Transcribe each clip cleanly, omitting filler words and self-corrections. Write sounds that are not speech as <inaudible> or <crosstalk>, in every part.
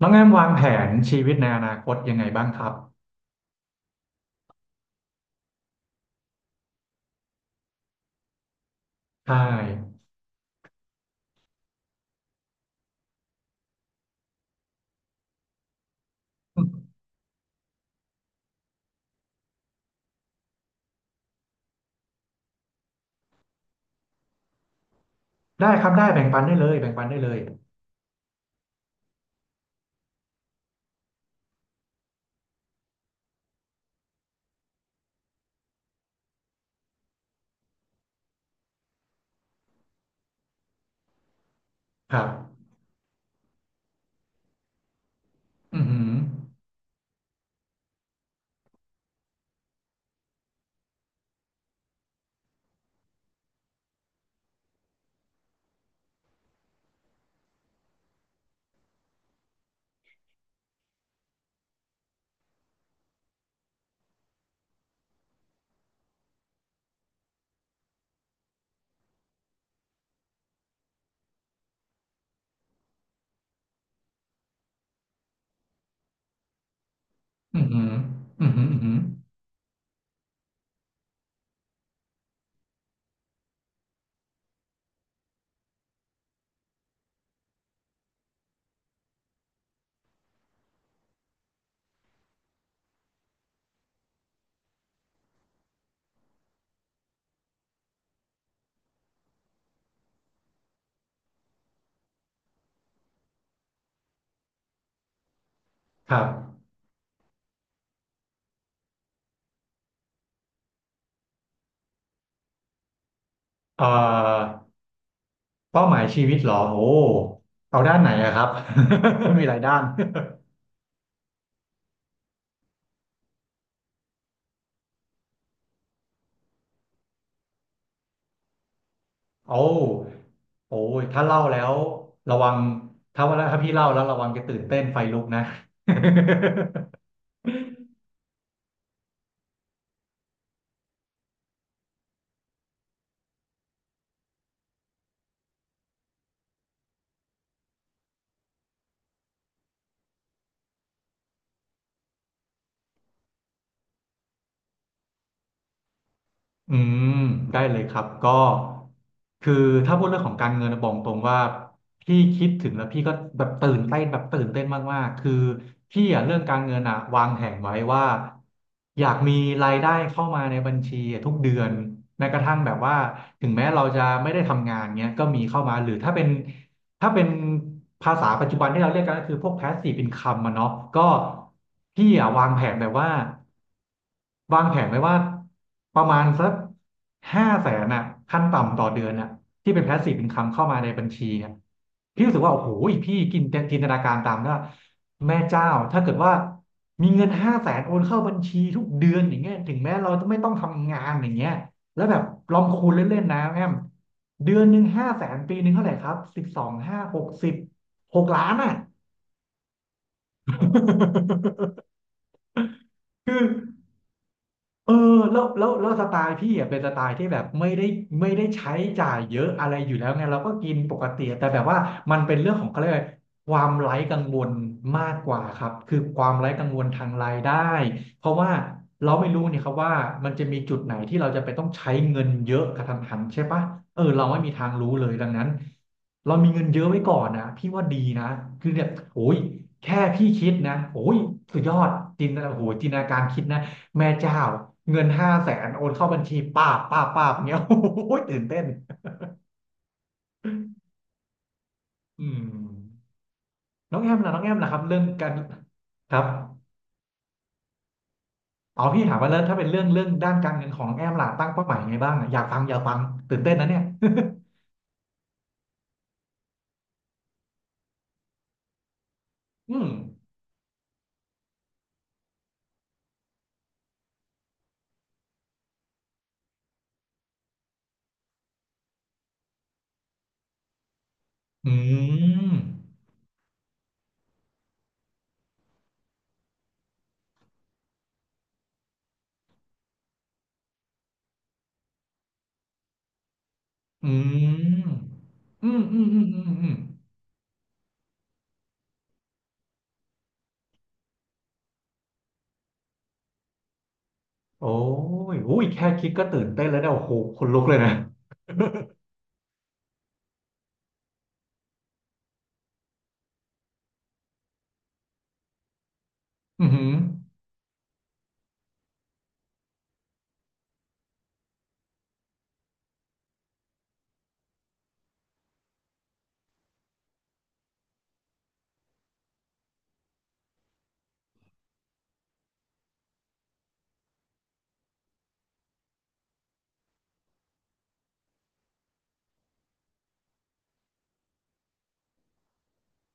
น้องแอมวางแผนชีวิตในอนาคตยังไงบ้างครับใช่อืมได้ครับได้แบ่งปันได้เลยแบ่งปันได้เลยครับอือหืออือหืออือหืออือหือครับเอ่อเป้าหมายชีวิตเหรอโอ้เอาด้านไหนอะครับ <laughs> มีหลายด้านโอ้โอ้ยถ้าเล่าแล้วระวังถ้าพี่เล่าแล้วระวังจะตื่นเต้นไฟลุกนะ <laughs> อืมได้เลยครับก็คือถ้าพูดเรื่องของการเงินนะบอกตรงว่าพี่คิดถึงแล้วพี่ก็แบบตื่นเต้นแบบตื่นเต้นมากๆคือพี่อะเรื่องการเงินอะวางแผนไว้ว่าอยากมีรายได้เข้ามาในบัญชีอะทุกเดือนแม้กระทั่งแบบว่าถึงแม้เราจะไม่ได้ทำงานเงี้ยก็มีเข้ามาหรือถ้าเป็นภาษาปัจจุบันที่เราเรียกกันก็คือพวก passive income อะเนาะก็พี่อะวางแผนแบบว่าวางแผนไว้ว่าประมาณสักห้าแสนอะขั้นต่ำต่อเดือนอะที่เป็น passive income เข้ามาในบัญชีอะพี่รู้สึกว่าโอ้โหพี่กินจินตนาการตามนะแม่เจ้าถ้าเกิดว่ามีเงินห้าแสนโอนเข้าบัญชีทุกเดือนอย่างเงี้ยถึงแม้เราจะไม่ต้องทำงานอย่างเงี้ย แล้วแบบลองคูณเล่นๆนะแอมเดือนหนึ่งห้าแสนปีหนึ่งเท่าไหร่ครับ12ห้า606,000,000อ่ะ <laughs> คือ เออแล้วสไตล์พี่อ่ะเป็นสไตล์ที่แบบไม่ได้ใช้จ่ายเยอะอะไรอยู่แล้วไงเราก็กินปกติแต่แบบว่ามันเป็นเรื่องของเขาเรียกอะไรความไร้กังวลมากกว่าครับคือความไร้กังวลทางรายได้เพราะว่าเราไม่รู้เนี่ยครับว่ามันจะมีจุดไหนที่เราจะไปต้องใช้เงินเยอะกระทันหันใช่ปะเออเราไม่มีทางรู้เลยดังนั้นเรามีเงินเยอะไว้ก่อนนะพี่ว่าดีนะคือเนี่ยโอ้ยแค่พี่คิดนะโอ้ยสุดยอดจินตนาโอ้โหจินตนาการคิดนะ แม่เจ้าเงิน500,000โอนเข้าบัญชีป้าบป้าบป้าบเงี้ย <laughs> โอ้โหตื่นเต้นอืมน้องแอมล่ะน้องแอมล่ะครับเรื่องการครับอ๋อพี่ถามว่าแล้วถ้าเป็นเรื่องเรื่องด้านการเงินของน้องแอมล่ะตั้งเป้าหมายยังไงบ้างอะอยากฟังอยากฟังตื่นเต้นนะเนี่ย <laughs> อืมอืมอืมอืมอืมอืมอืมอืมโอ้ยอุ้ยแค่คิดก็ตื่นเต้นแล้วเนี่ยโอ้โหขนลุกเลยนะอือหือ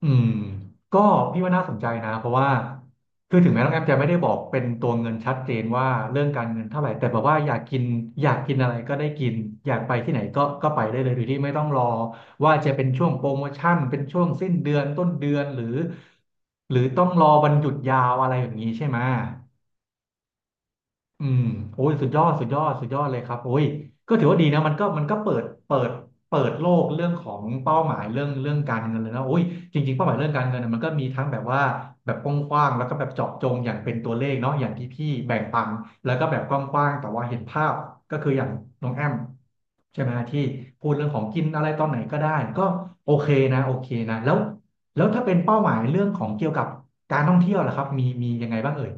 อืมก็พี่ว่าน่าสนใจนะเพราะว่าคือถึงแม้น้องแอมจะไม่ได้บอกเป็นตัวเงินชัดเจนว่าเรื่องการเงินเท่าไหร่แต่แบบว่าอยากกินอะไรก็ได้กินอยากไปที่ไหนก็ไปได้เลยโดยที่ไม่ต้องรอว่าจะเป็นช่วงโปรโมชั่นเป็นช่วงสิ้นเดือนต้นเดือนหรือต้องรอวันหยุดยาวอะไรแบบนี้ใช่ไหม อืมโอ้ยสุดยอดสุดยอดสุดยอดเลยครับโอ้ยก็ถือว่าดีนะมันก็มันก็เปิดเปิดโลกเรื่องของเป้าหมายเรื่องเรื่องการเงินเลยนะโอ้ยจริงๆเป้าหมายเรื่องการเงินน่ะมันก็มีทั้งแบบว่าแบบกว้างๆแล้วก็แบบเจาะจงอย่างเป็นตัวเลขเนาะอย่างที่พี่แบ่งปันแล้วก็แบบกว้างๆแต่ว่าเห็นภาพก็คืออย่างน้องแอมใช่ไหมที่พูดเรื่องของกินอะไรตอนไหนก็ได้ก็โอเคนะโอเคนะแล้วแล้วถ้าเป็นเป้าหมายเรื่องของเกี่ยวกับการท่องเที่ยวล่ะครับมีมียังไงบ้างเอ่ย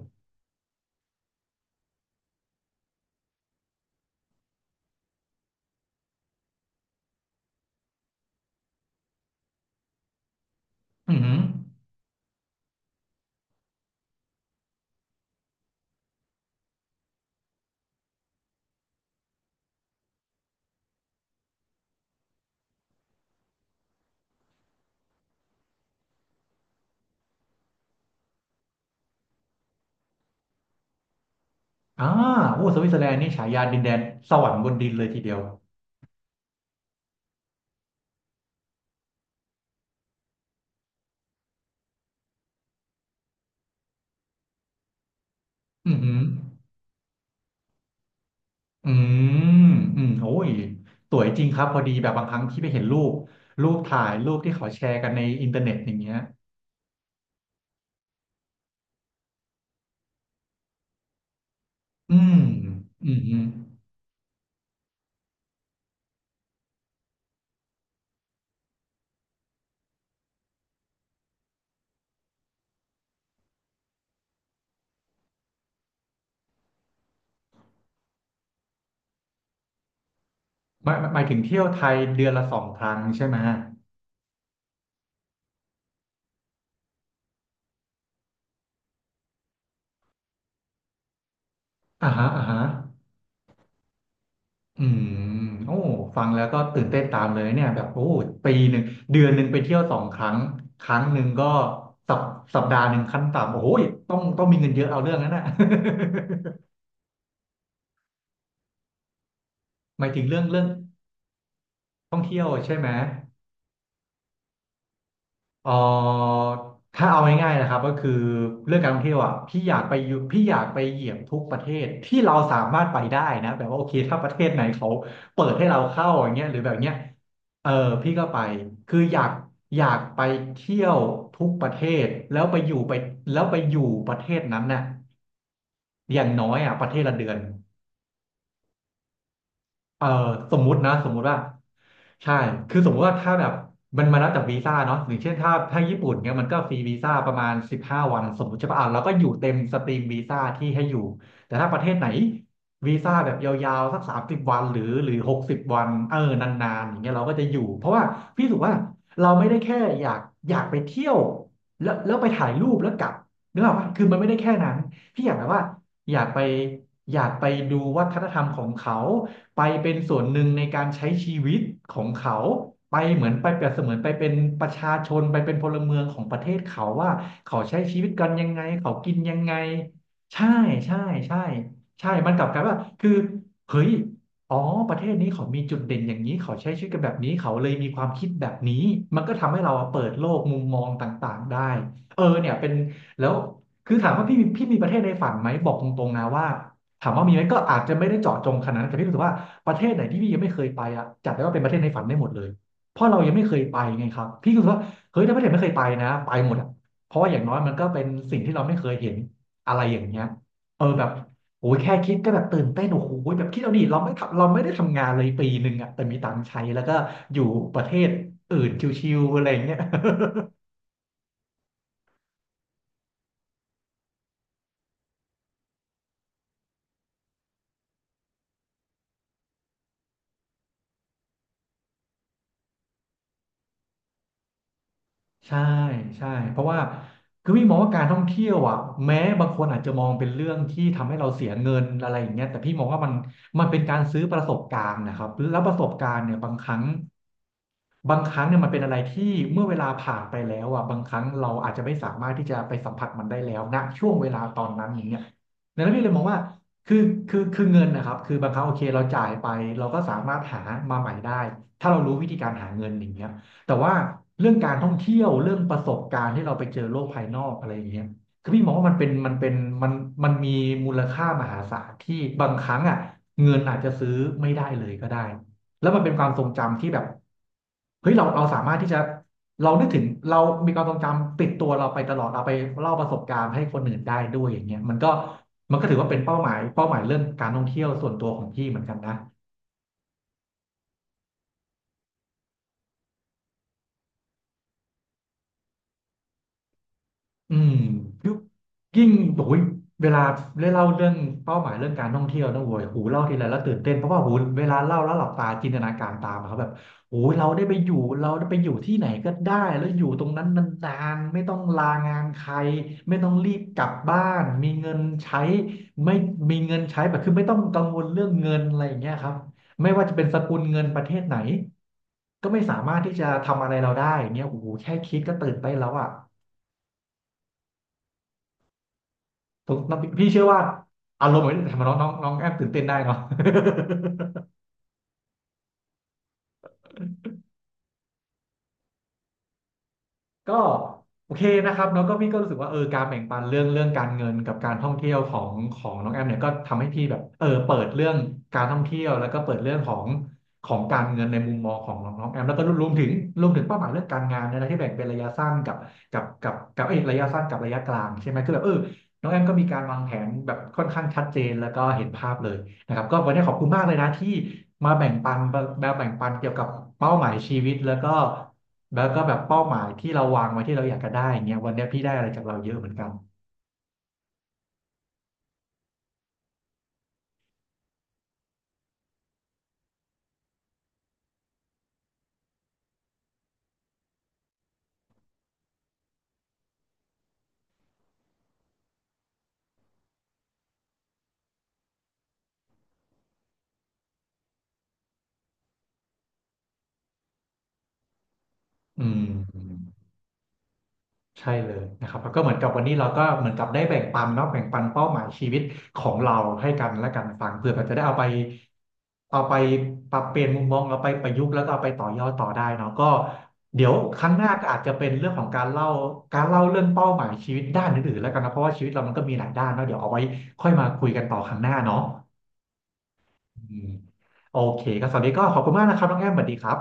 อือหือ อ่าโอ้สวิตเซอร์แลนด์นี่ฉายาดินแดนสวรรค์บนดินเลยทีเดียวอืมอหืออืมอืมโอ้ยสวยจริงครับพอดีแบบบางครั้งที่ไปเห็นรูป รูปถ่ายรูปที่เขาแชร์กันในอินเทอร์เน็ตอย่างเงี้ยอืม อืมอืมหมายหมายถึงเที่ยวไทยเดือนละสองครั้งใช่ไหมอ่าฮะอ่าฮะ อืมโอ้ฟังแล้วก็ตื่นเต้นตามเลยเนี่ยแบบโอ้ปีหนึ่งเดือนหนึ่งไปเที่ยวสองครั้งครั้งหนึ่งก็สัปสัปดาห์หนึ่งขั้นต่ำโอ้โหต้องต้องมีเงินเยอะเอาเรื่องนั้นน่ะ <laughs> หมายถึงเรื่องเรื่องท่องเที่ยวใช่ไหม เอ่อถ้าเอาง่ายๆนะครับก็คือเรื่องการท่องเที่ยวอ่ะพี่อยากไปอยู่พี่อยากไปเหยียบทุกประเทศที่เราสามารถไปได้นะแบบว่าโอเคถ้าประเทศไหนเขาเปิดให้เราเข้าอย่างเงี้ยหรือแบบเนี้ยเออพี่ก็ไปคืออยากไปเที่ยวทุกประเทศแล้วไปอยู่ไปแล้วไปอยู่ประเทศนั้นน่ะอย่างน้อยอ่ะประเทศละเดือน เอ่อสมมุตินะสมมุติว่าใช่คือสมมุติว่าถ้าแบบมันมาแล้วจากวีซ่าเนาะอย่างเช่นถ้าญี่ปุ่นเนี่ยมันก็ฟรีวีซ่าประมาณ15 วันสมมติใช่ป่ะอ่ะแล้วก็อยู่เต็มสตรีมวีซ่าที่ให้อยู่แต่ถ้าประเทศไหนวีซ่าแบบยาวๆสัก30 วันหรือ60 วันเออนานๆอย่างเงี้ยเราก็จะอยู่เพราะว่าพี่รู้สึกว่าเราไม่ได้แค่อยากไปเที่ยวแล้วไปถ่ายรูปแล้วกลับนึกออกปะคือมันไม่ได้แค่นั้นพี่อยากแบบว่าอยากไปอยากไปดูวัฒนธรรมของเขา ไปเป็นส่วนหนึ่งในการใช้ชีวิตของเขาไปเหมือนไปเปรียบเสมือนไปเป็นประชาชนไปเป็นพลเมืองของประเทศเขาว่าเขาใช้ชีวิตกันยังไงเขากินยังไงใช่ใช่ใช่ใช่มันกลับกลายว่าคือเฮ้ยอ๋อประเทศนี้เขามีจุดเด่นอย่างนี้เขาใช้ชีวิตกันแบบนี้เขาเลยมีความคิดแบบนี้มันก็ทำให้เราเปิดโลกมุมมองต่างๆได้เออเนี่ยเป็นแล้วคือถามว่าพี่มีประเทศในฝันไหมบอกตรงๆนะว่าถามว่ามีไหมก็อาจจะไม่ได้เจาะจงขนาดนั้นแต่พี่รู้สึกว่า ประเทศไหนที่พี่ยังไม่เคยไปอ่ะจัดได้ว่าเป็นประเทศในฝันได้หมดเลยเพราะเรายังไม่เคยไปไงครับพี่ก็รู้สึกว่าเฮ้ยถ้าประเทศไม่เคยไปนะไปหมดอ่ะเพราะว่าอย่างน้อยมันก็เป็นสิ่งที่เราไม่เคยเห็นอะไรอย่างเงี้ยเออแบบโอ้ยแค่คิดก็แบบตื่นเต้นโอ้โหแบบคิดเอาดิเราไม่ทำเราไม่ได้ทำงานเลยปีหนึ่งอ่ะแต่มีตังค์ใช้แล้วก็อยู่ประเทศอื่นชิวๆอะไรอย่างเงี้ย ใช่ใช่เพราะว่าคือพี่มองว่าการท่องเที่ยวอ่ะแม้บางคนอาจจะมองเป็นเรื่องที่ทำให้เราเสียเงินอะไรอย่างเงี้ยแต่พี่มองว่ามันเป็นการซื้อประสบการณ์นะครับแล้วประสบการณ์เนี่ยบางครั้ง บางครั้งเนี่ยมันเป็นอะไรที่เมื่อเวลาผ่านไปแล้วอ่ะบางครั้งเราอาจจะไม่สามารถที่จะไปสัมผัสมันได้แล้วณช่วงเวลาตอนนั้นอย่างเงี้ยดังนั้นพี่เลยมองว่าคือคือเงินนะครับคือบางครั้งโอเคเราจ่ายไปเราก็สามารถหามาใหม่ได้ถ้าเรารู้วิธีการหาเงินอย่างเงี้ยแต่ว่าเรื่องการท่องเที่ยวเรื่องประสบการณ์ที่เราไปเจอโลกภายนอกอะไรอย่างเงี้ยคือพี่มองว่ามันเป็นมันมีมูลค่ามหาศาลที่บางครั้งอ่ะเงินอาจจะซื้อไม่ได้เลยก็ได้ แล้วมันเป็นความทรงจำที่แบบเฮ้ยเราสามารถที่จะเรานึกถึงเรามีความทรงจำติดตัวเราไปตลอดเอาไปเล่าประสบการณ์ให้คนอื่นได้ด้วยอย่างเงี้ยมันก็ถือว่าเป็นเป้าหมายเรื่องการท่องเที่ยวส่วนตัวของพี่เหมือนกันนะ อืมยุคยิ่งโอ้ยเวลาได้เล่าเรื่องเป้าหมายเรื่องการท่องเที่ยวนะโว้ยหูเล่าทีไรแล้วตื่นเต้นเพราะว่าหูเวลาเล่าแล้วหลับตาจินตนาการตามอะครับแบบโอ้ยเราได้ไปอยู่ที่ไหนก็ได้แล้วอยู่ตรงนั้นนานๆไม่ต้องลางานใครไม่ต้องรีบกลับบ้านมีเงินใช้ไม่มีเงินใช้แบบคือไม่ต้องกังวลเรื่องเงินอะไรอย่างเงี้ยครับไม่ว่าจะเป็นสกุลเงินประเทศไหนก็ไม่สามารถที่จะทำอะไรเราได้อย่างเงี้ยโอ้โหแค่คิดก็ตื่นเต้นแล้วอ่ะ ผมพี่เชื่อว่าอารมณ์เหมือนทำให้น้องน้องน้องแอมตื่นเต้นได้เนาะ <laughs> ก็โอเคนะครับแล้วก็พี่ก็รู้สึกว่าเออการแบ่งปันเรื่องการเงินกับการท่องเที่ยวของน้องแอมเนี่ยก็ทำให้พี่แบบเออเปิดเรื่องการท่องเที่ยวแล้วก็เปิดเรื่องของของการเงินในมุมมองของน้องน้องแอมแล้วก็รวมถึงเป้าหมายเรื่องการงานเนยนะที่แบ่งเป็นระยะสั้นกับเอยระยะสั้นกับระยะกลางใช่ไหมคือแบบเออน้องแอมก็มีการวางแผนแบบค่อนข้างชัดเจนแล้วก็เห็นภาพเลย นะครับก็วันนี้ขอบคุณมากเลยนะที่มาแบ่งปันเกี่ยวกับเป้าหมายชีวิตแล้วก็แบบเป้าหมายที่เราวางไว้ที่เราอยากจะได้อย่างเงี้ยวันนี้พี่ได้อะไรจากเราเยอะเหมือนกันอืม ใช่เลยนะครับแล้วก็เหมือนกับวันนี้เราก็เหมือนกับได้แบ่งปันเนาะแบ่งปันเป้าหมายชีวิตของเราให้กันและกันฟังเพื่อมันจะได้เอาไปเอาไปปรับเปลี่ยนมุมมองเอาไปประยุกต์แล้วก็เอาไปต่อยอดต่อได้เนาะก็เดี๋ยวครั้งหน้าก็อาจจะเป็นเรื่องของการเล่าเรื่องเป้าหมายชีวิตด้านอื่นๆแล้วกันนะเพราะว่าชีวิตเรามันก็มีหลายด้านเนาะเดี๋ยวเอาไว้ค่อยมาคุยกันต่อครั้งหน้าเนาะอืมโอเคก็สวัสดีก็ขอบคุณมากนะครับน้องแอมสวัสดีครับ